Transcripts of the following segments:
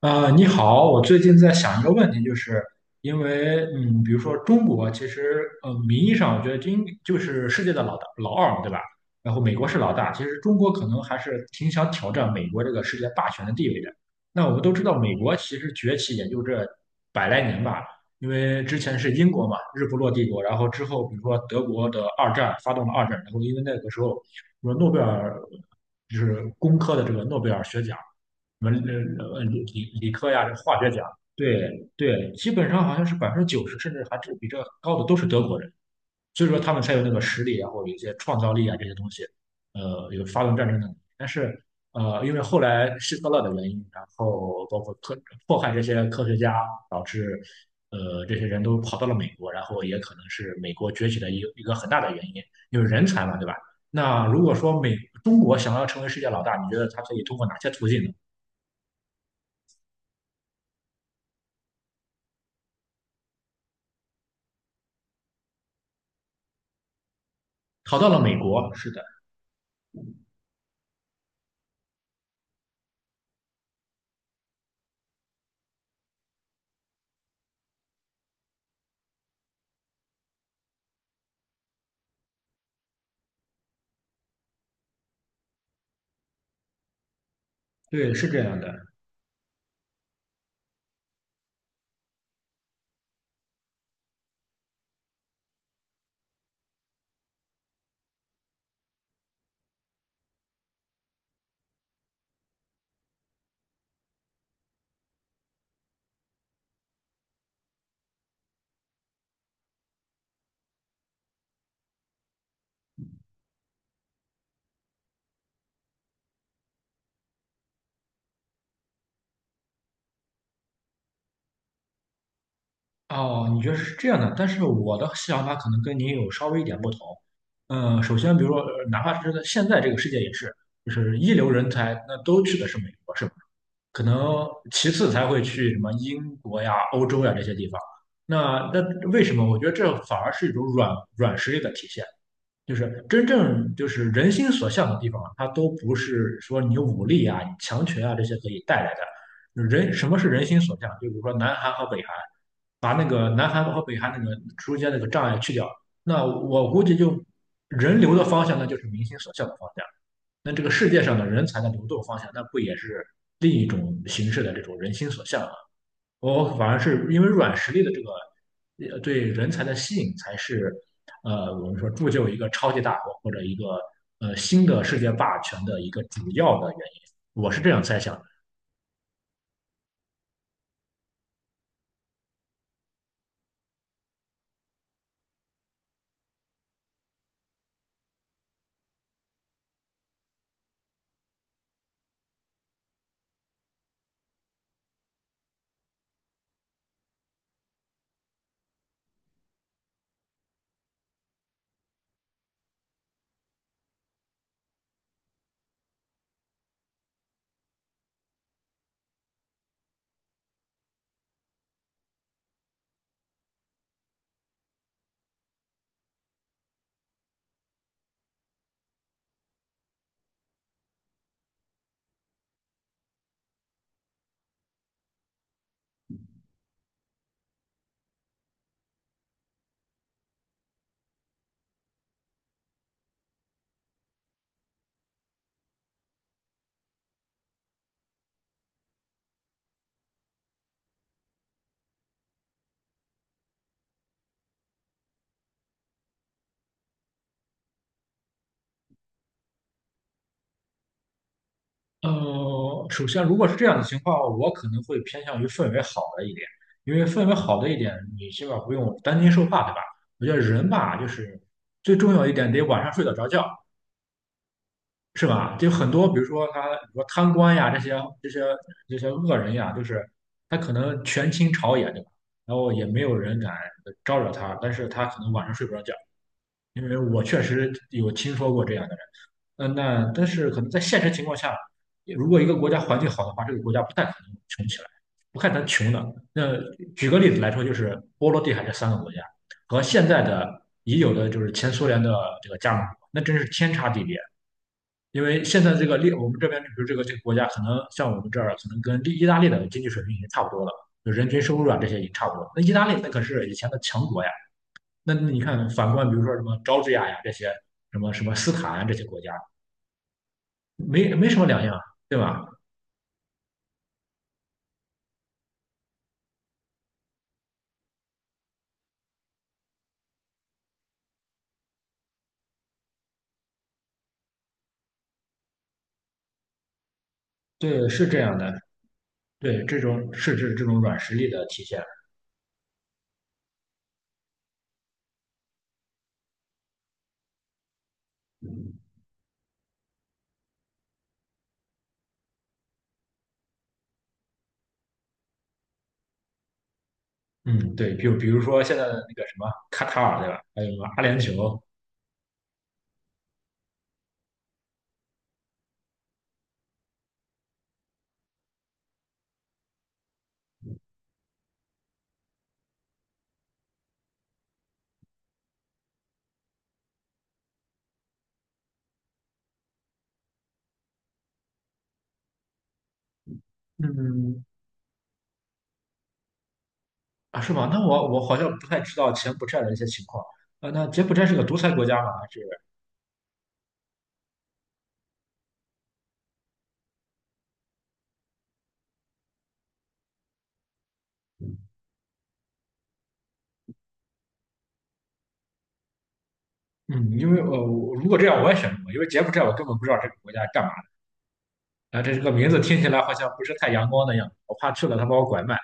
你好，我最近在想一个问题，就是因为，嗯，比如说中国，名义上我觉得应就是世界的老大老二嘛，对吧？然后美国是老大，其实中国可能还是挺想挑战美国这个世界霸权的地位的。那我们都知道，美国其实崛起也就这百来年吧，因为之前是英国嘛，日不落帝国，然后之后比如说德国的二战发动了二战，然后因为那个时候，什么诺贝尔就是工科的这个诺贝尔学奖。什么理科呀、这化学奖，对对，基本上好像是百分之九十，甚至还是比这高的都是德国人，所以说他们才有那个实力啊，然后有一些创造力啊这些东西，有发动战争的能力。但是因为后来希特勒的原因，然后包括科迫害这些科学家，导致这些人都跑到了美国，然后也可能是美国崛起的一个很大的原因，因为人才嘛，对吧？那如果说美中国想要成为世界老大，你觉得它可以通过哪些途径呢？逃到了美国，是的。对，是这样的。哦，你觉得是这样的，但是我的想法可能跟您有稍微一点不同。嗯，首先，比如说，哪怕是在现在这个世界也是，就是一流人才，那都去的是美国，是吧？可能其次才会去什么英国呀、欧洲呀这些地方。那为什么？我觉得这反而是一种软实力的体现。就是真正就是人心所向的地方啊，它都不是说你武力啊、你强权啊这些可以带来的。人什么是人心所向？就比如说南韩和北韩，把那个南韩和北韩那个中间那个障碍去掉，那我估计就人流的方向，那就是民心所向的方向。那这个世界上的人才的流动方向，那不也是另一种形式的这种人心所向？我反而是因为软实力的这个对人才的吸引，才是我们说铸就一个超级大国或者一个新的世界霸权的一个主要的原因。我是这样猜想的。首先如果是这样的情况，我可能会偏向于氛围好的一点，因为氛围好的一点，你起码不用担惊受怕，对吧？我觉得人吧，就是最重要一点得晚上睡得着觉，是吧？就很多，比如说他，比如说贪官呀，这些这些恶人呀，就是他可能权倾朝野，对吧？然后也没有人敢招惹他，但是他可能晚上睡不着觉，因为我确实有听说过这样的人。嗯，那但是可能在现实情况下，如果一个国家环境好的话，这个国家不太可能穷起来，不太能穷的。那举个例子来说，就是波罗的海这三个国家和现在的已有的就是前苏联的这个加盟国，那真是天差地别。因为现在这个利，我们这边比如这个国家，可能像我们这儿，可能跟利意大利的经济水平已经差不多了，就人均收入啊这些已经差不多了，那意大利那可是以前的强国呀。那你看，反观比如说什么乔治亚呀这些，什么什么斯坦啊这些国家，没什么两样，对吧？对，是这样的。对，这种是指这种软实力的体现。嗯，对，比如说现在的那个什么卡塔尔，对吧？还有什么阿联酋。嗯，啊，是吗？那我好像不太知道柬埔寨的一些情况。啊，那柬埔寨是个独裁国家吗？还是嗯，因为我如果这样我也选不过，因为柬埔寨我根本不知道这个国家干嘛的。啊，这个名字听起来好像不是太阳光的样子，我怕去了他把我拐卖了。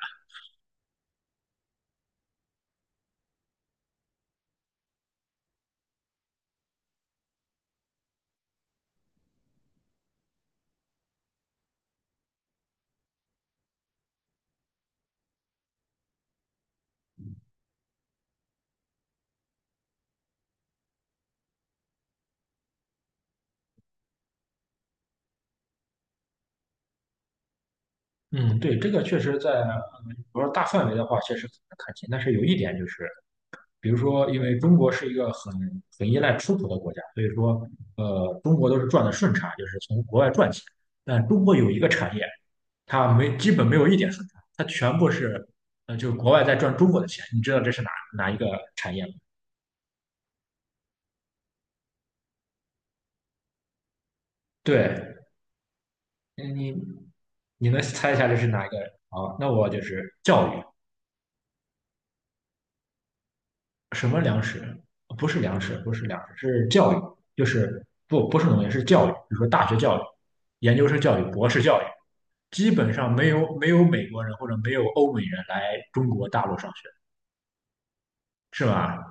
嗯，对，这个确实在，比说大范围的话，确实很难看清。但是有一点就是，比如说，因为中国是一个很依赖出口的国家，所以说，中国都是赚的顺差，就是从国外赚钱。但中国有一个产业。它没基本没有一点顺差，它全部是就是国外在赚中国的钱，你知道这是哪一个产业吗？对，你你能猜一下这是哪一个？好，那我就是教育，什么粮食？不是粮食,是教育，就是不是农业，是教育，比如说大学教育、研究生教育、博士教育，基本上没有美国人或者没有欧美人来中国大陆上学，是吧？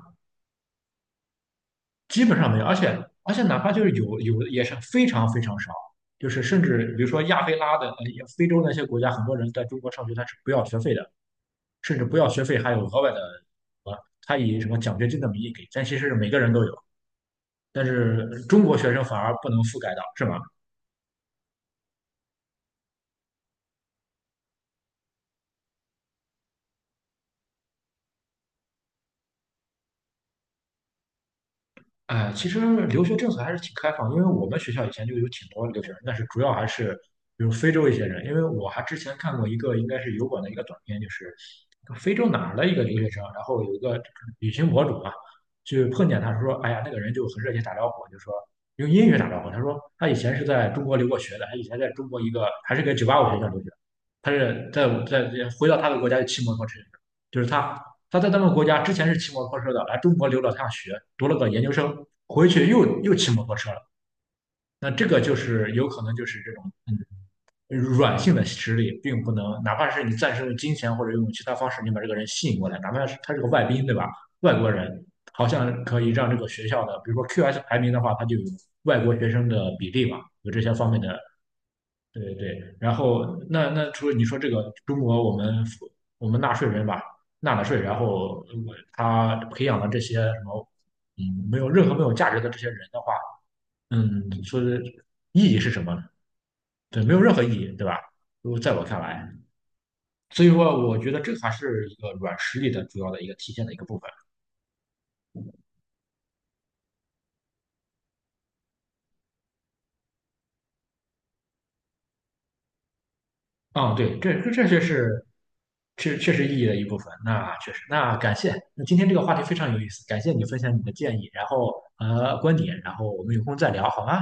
基本上没有，而且哪怕就是有的也是非常非常少，就是甚至比如说亚非拉的、非洲那些国家，很多人在中国上学他是不要学费的，甚至不要学费还有额外的，呃，他以什么奖学金的名义给，但其实是每个人都有，但是中国学生反而不能覆盖到，是吗？哎，其实留学政策还是挺开放，因为我们学校以前就有挺多留学生，但是主要还是比如非洲一些人，因为我还之前看过一个应该是油管的一个短片，就是非洲哪儿的一个留学生，然后有一个旅行博主啊，就碰见他说，哎呀，那个人就很热情打招呼，就说用英语打招呼，他说他以前是在中国留过学的，他以前在中国一个还是个985学校留学，他是在回到他的国家就骑摩托车，就是他在那们国家之前是骑摩托车的，来中国留了趟学，读了个研究生，回去又骑摩托车了。那这个就是有可能就是这种软性的实力，并不能，哪怕是你暂时用金钱或者用其他方式，你把这个人吸引过来，哪怕是他是个外宾，对吧？外国人好像可以让这个学校的，比如说 QS 排名的话，它就有外国学生的比例嘛，有这些方面的，对对，然后那除了你说这个中国，我们纳税人吧，纳了税，然后我他培养了这些什么，嗯，没有价值的这些人的话，嗯，说的意义是什么呢？对，没有任何意义，对吧？如果在我看来，所以说我觉得这还是一个软实力的主要的一个体现的一个部分。哦，对，这确实，确确实意义的一部分。那确实，那感谢。那今天这个话题非常有意思，感谢你分享你的建议，然后观点，然后我们有空再聊，好吗？